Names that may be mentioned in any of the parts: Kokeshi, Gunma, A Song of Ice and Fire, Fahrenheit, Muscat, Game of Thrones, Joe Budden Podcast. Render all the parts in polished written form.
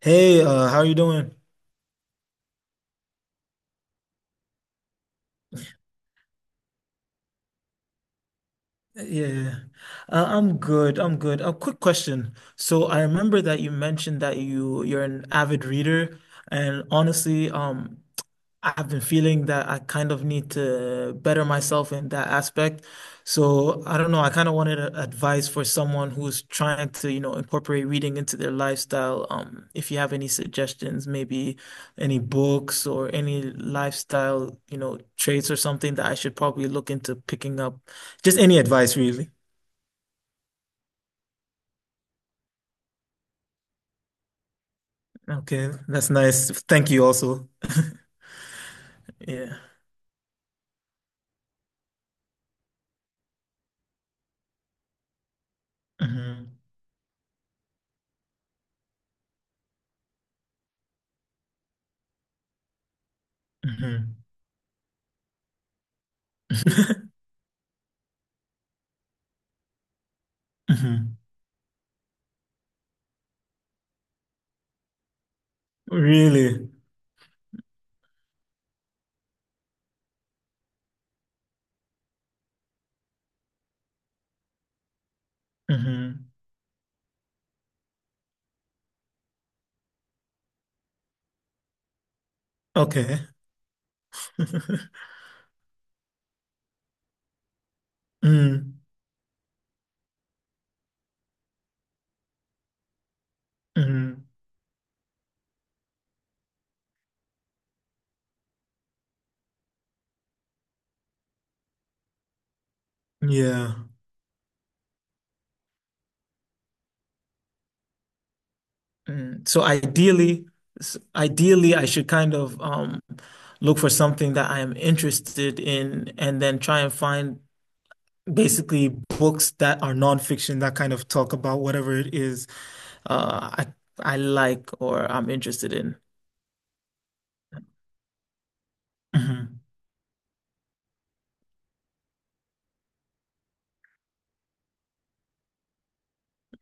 Hey, how are you doing? Yeah, yeah, yeah. I'm good. I'm good. A quick question. So I remember that you mentioned that you're an avid reader, and honestly, I've been feeling that I kind of need to better myself in that aspect. So I don't know. I kind of advice for someone who's trying to incorporate reading into their lifestyle. If you have any suggestions, maybe any books or any lifestyle traits or something that I should probably look into picking up. Just any advice, really. Okay, that's nice. Thank you also. Yeah. Hmm. Hmm. hmm. Really? Hmm. Okay. Mm. Mm, yeah. Mm. So ideally, ideally, I should kind of look for something that I am interested in, and then try and find basically books that are nonfiction that kind of talk about whatever it is uh, I like or I'm interested in. Hmm.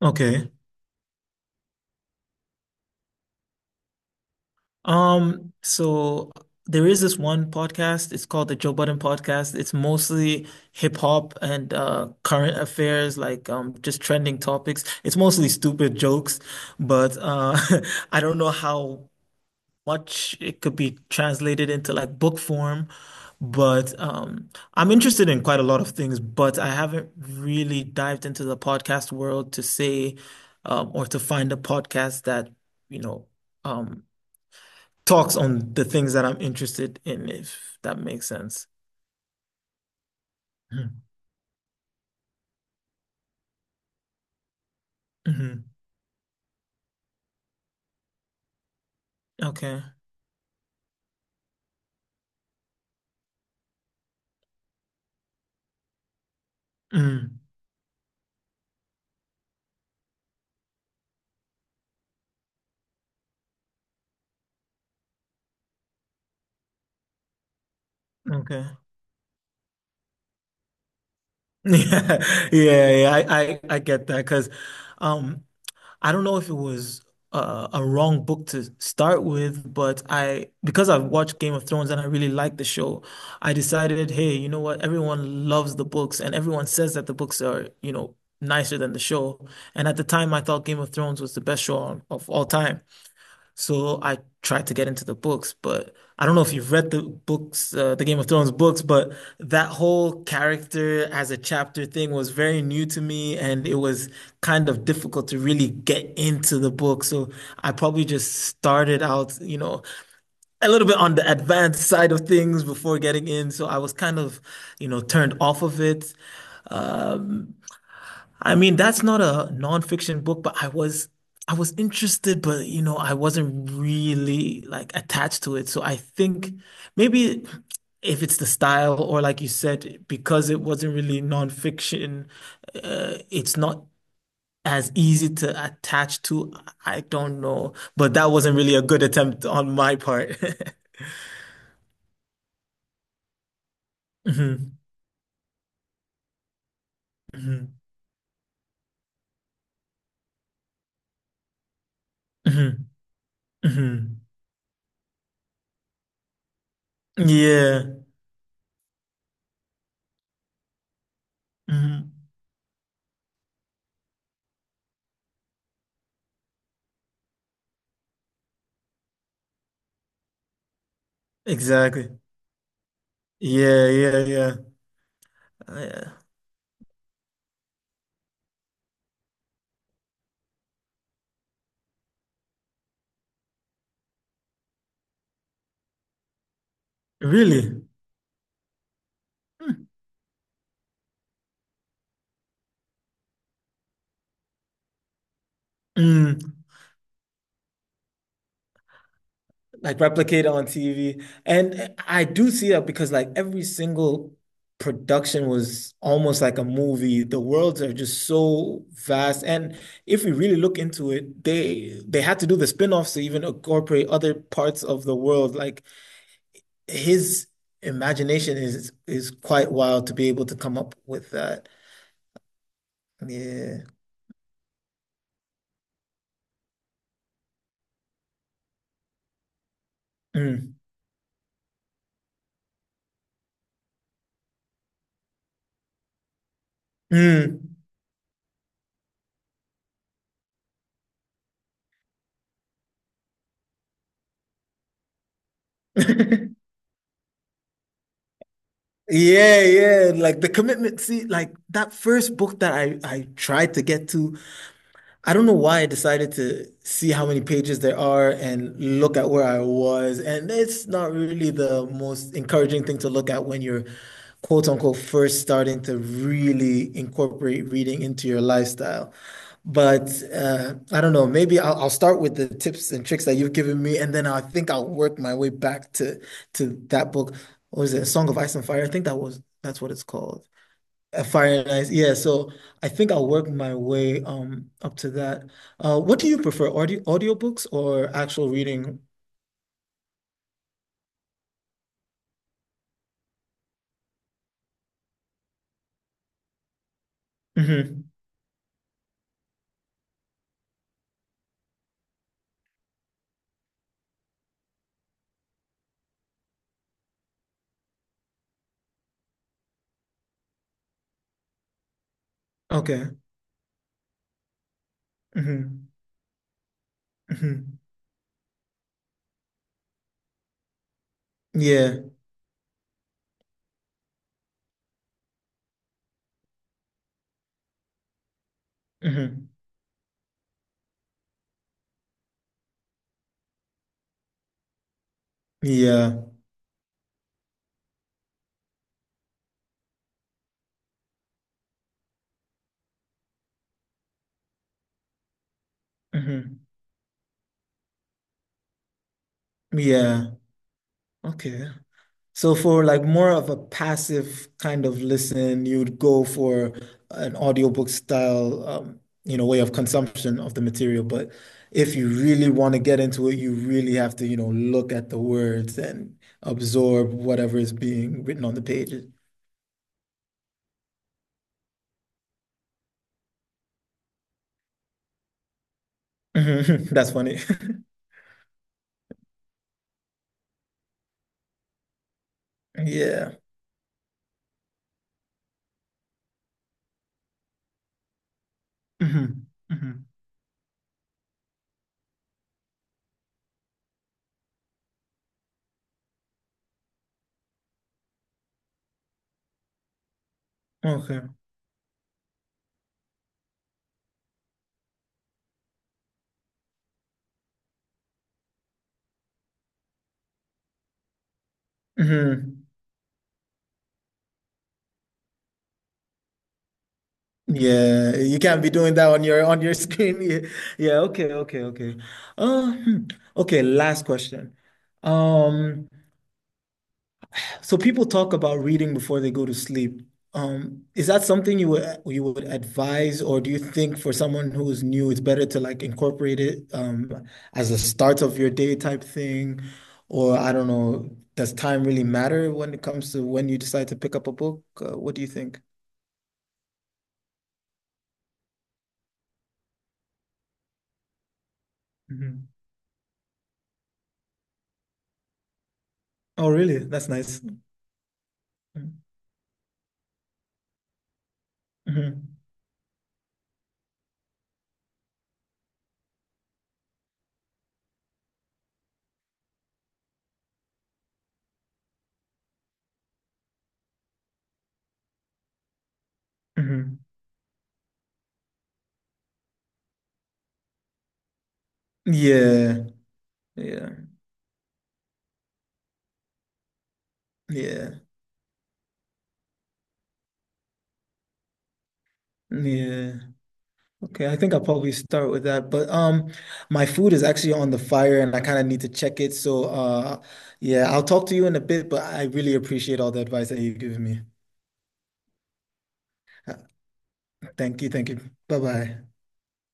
Okay. So there is this one podcast. It's called the Joe Budden Podcast. It's mostly hip hop and current affairs, like just trending topics. It's mostly stupid jokes, but I don't know how much it could be translated into like book form. But I'm interested in quite a lot of things, but I haven't really dived into the podcast world to say or to find a podcast that, you know, um talks on the things that I'm interested in, if that makes sense. Mm-hmm. Okay. Mm. Okay. Yeah, yeah, yeah. I get that because um I don't know if it was a wrong book to start with, but I because I've watched Game of Thrones and I really like the show, I decided, hey, you know what? Everyone loves the books and everyone says that the books are, you know, nicer than the show. And at the time I thought Game of Thrones was the best show on, of all time. So I tried to get into the books, but I don't know if you've read the books, the Game of Thrones books, but that whole character as a chapter thing was very new to me, and it was kind of difficult to really get into the book. So I probably just started out, you know, a little bit on the advanced side of things before getting in. So I was kind of, you know, turned off of it. I mean, that's not a nonfiction book, but I was interested, but you know, I wasn't really like attached to it. So I think maybe if it's the style or like you said, because it wasn't really nonfiction, it's not as easy to attach to. I don't know, but that wasn't really a good attempt on my part. hmm. Hmm. Hmm. Hmm. Yeah. Hmm. Exactly. Yeah, yeah, yeah. Yeah. Really? Mm, like replicate on TV. And I do see that because like every single production was almost like a movie. The worlds are just so vast. And if we really look into it, they had to do the spin-offs to even incorporate other parts of the world. Like his imagination is quite wild to be able to come up with that. Yeah. Mm, mm. Yeah, yeah, like the commitment. See, like that first book that I tried to get to, I don't know why I decided to see how many pages there are and look at where I was. And it's not really the most encouraging thing to look at when you're, quote unquote, first starting to really incorporate reading into your lifestyle. But I don't know, maybe I'll start with the tips and tricks that you've given me, and then I think I'll work my way back to that book. What was it? A Song of Ice and Fire? I think that's what it's called. Yeah. So I think I'll work my way up to that. What do you prefer, audiobooks or actual reading? Hmm. Okay. Hmm. Hmm. Yeah. Hmm. Yeah. Hmm. Yeah. Okay. So for like more of a passive kind of listen, you'd go for an audiobook style, you know, way of consumption of the material. But if you really want to get into it, you really have to, you know, look at the words and absorb whatever is being written on the pages. Mhm. That's funny. Yeah. Hmm. Hmm. Okay. Hmm. Yeah, you can't be doing that on your screen. Yeah, yeah, okay, okay, okay. Uh, hmm. Okay, last question. Um, so people talk about reading before they go to sleep. Is that something you would advise, or do you think for someone who is new, it's better to like incorporate it as a start of your day type thing? Or I don't know, does time really matter when it comes to when you decide to pick up a book? What do you think? Mhm. Oh, really? That's nice. Mm. Mhm. Mhm. Yeah. Yeah. Yeah. Yeah. Okay, I think I'll probably start with that. But my food is actually on the fire and I kind of need to check it. So yeah, I'll talk to you in a bit, but I really appreciate all the advice that you've given me. Uh, Thank you, thank you. Bye-bye.